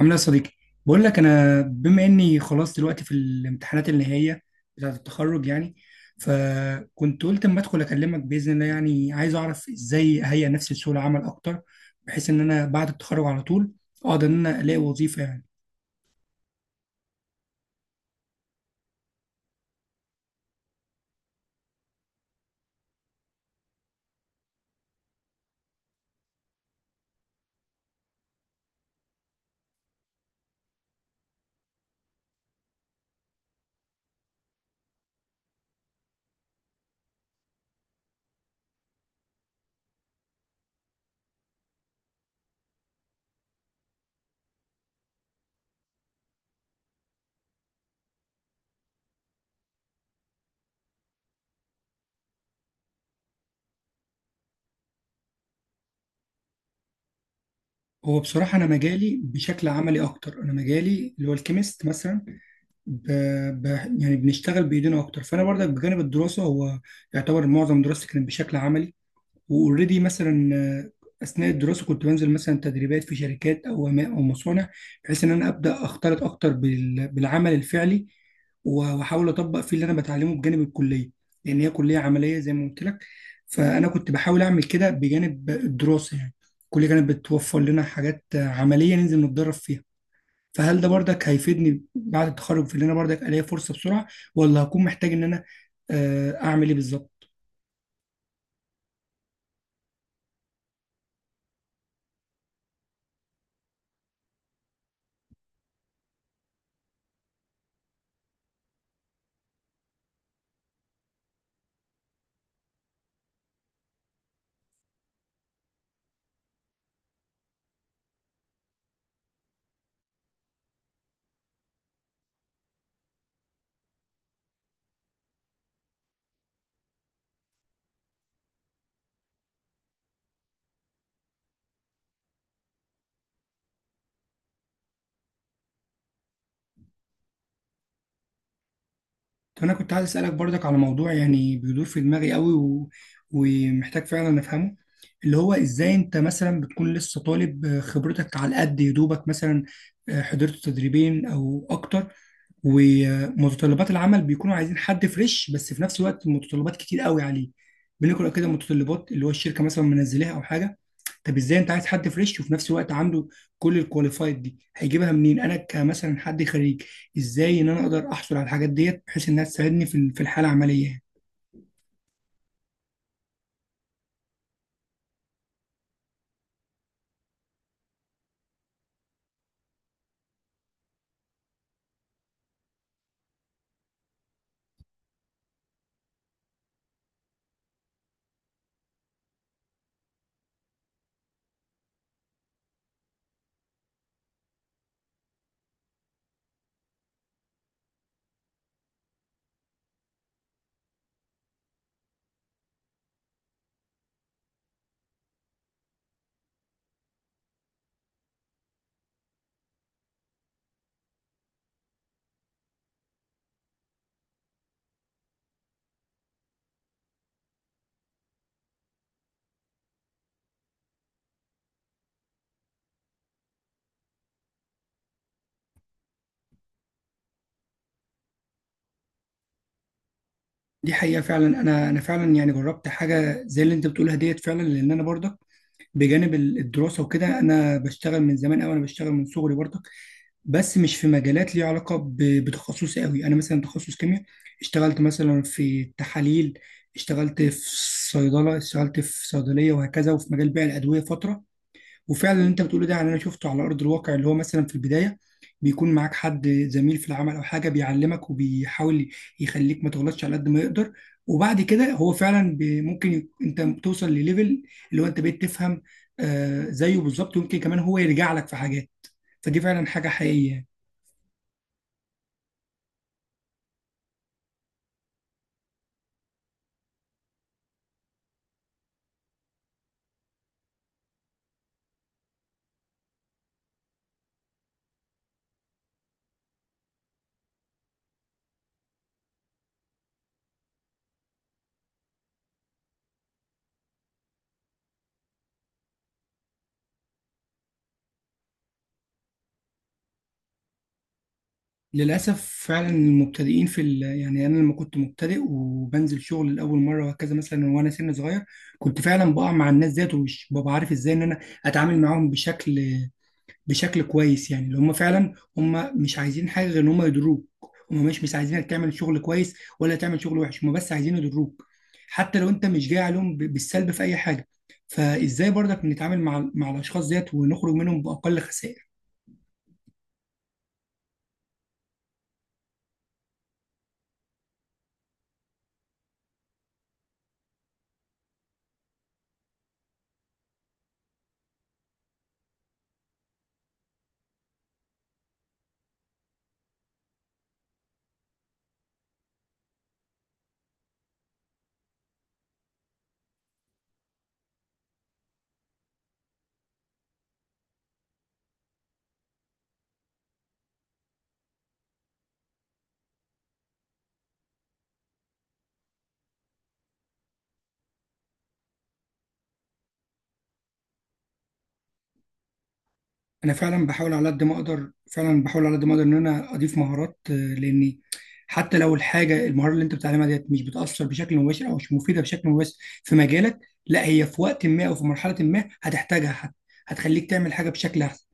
عامل ايه يا صديقي؟ بقول لك انا بما اني خلاص دلوقتي في الامتحانات النهائيه بتاعه التخرج يعني. فكنت قلت اما ادخل اكلمك باذن الله، يعني عايز اعرف ازاي اهيئ نفسي لسوق العمل اكتر، بحيث ان انا بعد التخرج على طول اقدر ان انا الاقي وظيفه يعني. هو بصراحه انا مجالي بشكل عملي اكتر، انا مجالي اللي هو الكيمست مثلا. ب... ب... يعني بنشتغل بايدينا اكتر، فانا برضك بجانب الدراسه هو يعتبر معظم دراستي كانت بشكل عملي واوريدي مثلا اثناء الدراسه كنت بنزل مثلا تدريبات في شركات او او مصانع، بحيث ان انا ابدا اختلط اكتر بالعمل الفعلي. واحاول اطبق فيه اللي انا بتعلمه بجانب الكليه، لان هي كليه عمليه زي ما قلت لك. فانا كنت بحاول اعمل كده بجانب الدراسه يعني. الكليه كانت بتوفر لنا حاجات عمليه ننزل نتدرب فيها. فهل ده بردك هيفيدني بعد التخرج في ان انا بردك الاقي فرصه بسرعه، ولا هكون محتاج ان انا اعمل ايه بالظبط؟ انا كنت عايز اسالك برضك على موضوع يعني بيدور في دماغي قوي ومحتاج فعلا افهمه. اللي هو ازاي انت مثلا بتكون لسه طالب، خبرتك على قد يدوبك مثلا، حضرت تدريبين او اكتر، ومتطلبات العمل بيكونوا عايزين حد فريش، بس في نفس الوقت متطلبات كتير قوي عليه. بنقرا كده متطلبات اللي هو الشركه مثلا منزلاها او حاجه. طب ازاي انت عايز حد فريش وفي نفس الوقت عنده كل الكواليفايد دي، هيجيبها منين انا كمثلا حد خريج؟ ازاي ان انا اقدر احصل على الحاجات ديت بحيث انها تساعدني في في الحاله العمليه يعني. دي حقيقه فعلا، انا فعلا يعني جربت حاجه زي اللي انت بتقولها ديت فعلا. لان انا برضك بجانب الدراسه وكده انا بشتغل من زمان قوي، انا بشتغل من صغري برضك، بس مش في مجالات ليها علاقه بتخصصي قوي. انا مثلا تخصص كيمياء، اشتغلت مثلا في تحاليل، اشتغلت في صيدله، اشتغلت في صيدليه وهكذا، وفي مجال بيع الادويه فتره. وفعلا اللي انت بتقوله ده يعني انا شفته على ارض الواقع، اللي هو مثلا في البدايه بيكون معاك حد زميل في العمل او حاجه بيعلمك وبيحاول يخليك ما تغلطش على قد ما يقدر. وبعد كده هو فعلا ممكن انت توصل لليفل اللي هو انت بقيت تفهم زيه بالظبط، ويمكن كمان هو يرجع لك في حاجات. فدي فعلا حاجه حقيقيه يعني. للاسف فعلا المبتدئين في يعني انا لما كنت مبتدئ وبنزل شغل لاول مره وهكذا مثلا وانا سن صغير، كنت فعلا بقع مع الناس ديت ومش ببقى عارف ازاي ان انا اتعامل معاهم بشكل كويس، يعني اللي هم فعلا هم مش عايزين حاجه غير ان هم يضروك، هم مش عايزينك تعمل شغل كويس ولا تعمل شغل وحش، هم بس عايزين يضروك، حتى لو انت مش جاي عليهم بالسلب في اي حاجه. فازاي برضك نتعامل مع الاشخاص ديت ونخرج منهم باقل خسائر؟ انا فعلا بحاول على قد ما اقدر، فعلا بحاول على قد ما اقدر ان انا اضيف مهارات، لاني حتى لو الحاجه المهاره اللي انت بتتعلمها ديت مش بتاثر بشكل مباشر او مش مفيده بشكل مباشر في مجالك، لا هي في وقت ما او في مرحله ما هتحتاجها، هتخليك تعمل حاجه بشكل احسن.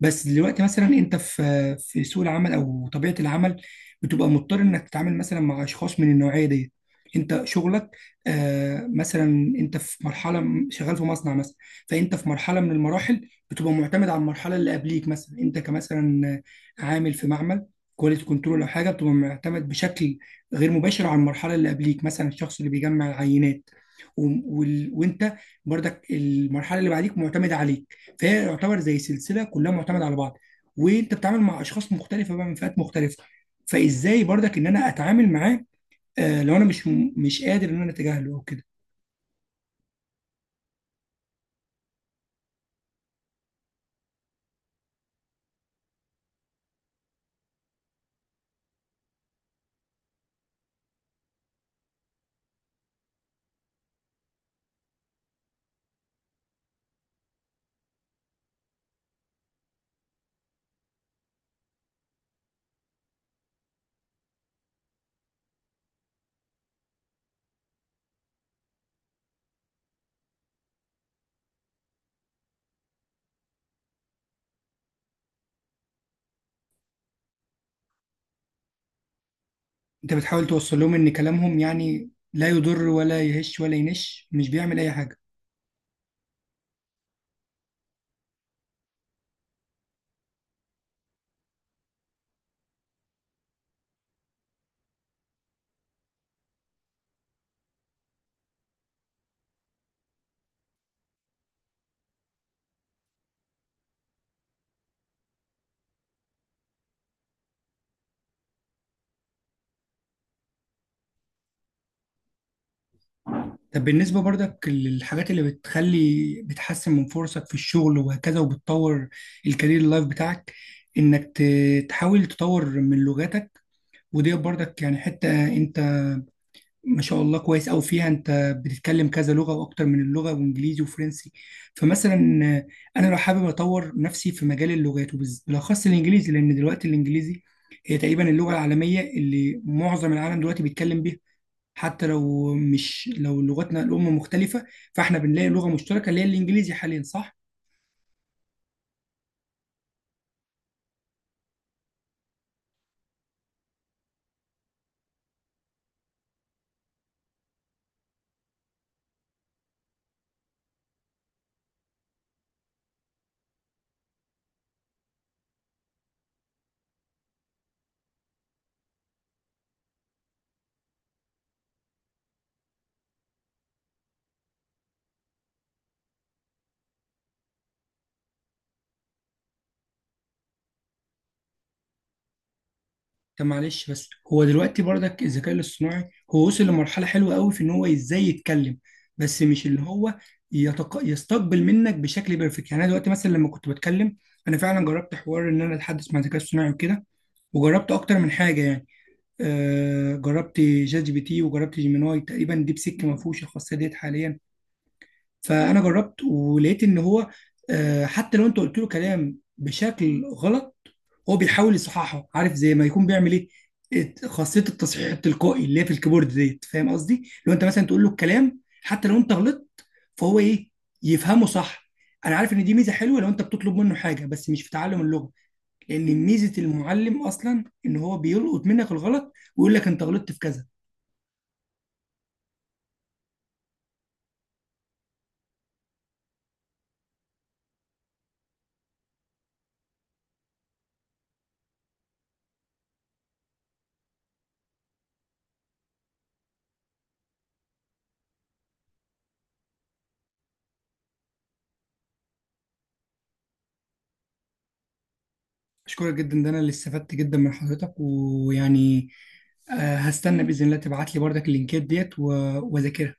بس دلوقتي مثلا انت في سوق العمل او طبيعه العمل بتبقى مضطر انك تتعامل مثلا مع اشخاص من النوعيه دي. انت شغلك مثلا انت في مرحله شغال في مصنع مثلا، فانت في مرحله من المراحل بتبقى معتمد على المرحله اللي قبليك. مثلا انت كمثلا عامل في معمل كواليتي كنترول او حاجه، بتبقى معتمد بشكل غير مباشر على المرحله اللي قبليك، مثلا الشخص اللي بيجمع العينات و... وانت برضك المرحله اللي بعديك معتمده عليك. فهي يعتبر زي سلسله كلها معتمده على بعض، وانت بتتعامل مع اشخاص مختلفه بقى من فئات مختلفه. فازاي برضك ان انا اتعامل معاه، لو انا مش قادر ان انا اتجاهله او كده؟ انت بتحاول توصل لهم ان كلامهم يعني لا يضر ولا يهش ولا ينش، مش بيعمل اي حاجه. طب بالنسبه برضك للحاجات اللي بتخلي بتحسن من فرصك في الشغل وهكذا وبتطور الكارير اللايف بتاعك، انك تحاول تطور من لغتك. ودي برضك يعني حته انت ما شاء الله كويس أوي فيها، أنت بتتكلم كذا لغة وأكتر من اللغة وإنجليزي وفرنسي. فمثلا أنا لو حابب أطور نفسي في مجال اللغات وبالأخص الإنجليزي، لأن دلوقتي الإنجليزي هي تقريبا اللغة العالمية اللي معظم العالم دلوقتي بيتكلم بيها، حتى لو مش لو لغتنا الأم مختلفة فإحنا بنلاقي لغة مشتركة اللي هي الإنجليزي حاليا، صح؟ طب معلش، بس هو دلوقتي برضك الذكاء الاصطناعي هو وصل لمرحلة حلوة قوي في ان هو ازاي يتكلم، بس مش اللي هو يستقبل منك بشكل بيرفكت. يعني انا دلوقتي مثلا لما كنت بتكلم، انا فعلا جربت حوار ان انا اتحدث مع الذكاء الاصطناعي وكده، وجربت اكتر من حاجة يعني. جربت ChatGPT وجربت جيميناي، تقريبا ديب سيك ما فيهوش الخاصية ديت حاليا. فانا جربت ولقيت ان هو حتى لو انت قلت له كلام بشكل غلط هو بيحاول يصححها، عارف زي ما يكون بيعمل ايه خاصيه التصحيح التلقائي اللي هي في الكيبورد ديت. فاهم قصدي، لو انت مثلا تقول له الكلام حتى لو انت غلطت فهو ايه يفهمه صح. انا عارف ان دي ميزه حلوه لو انت بتطلب منه حاجه، بس مش في تعلم اللغه، لان ميزه المعلم اصلا ان هو بيلقط منك الغلط ويقول لك انت غلطت في كذا. اشكرك جدا، ده انا اللي استفدت جدا من حضرتك، ويعني هستنى باذن الله تبعت لي بردك اللينكات ديت واذاكرها.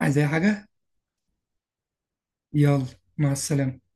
عايز اي حاجه؟ يلا، مع السلامه.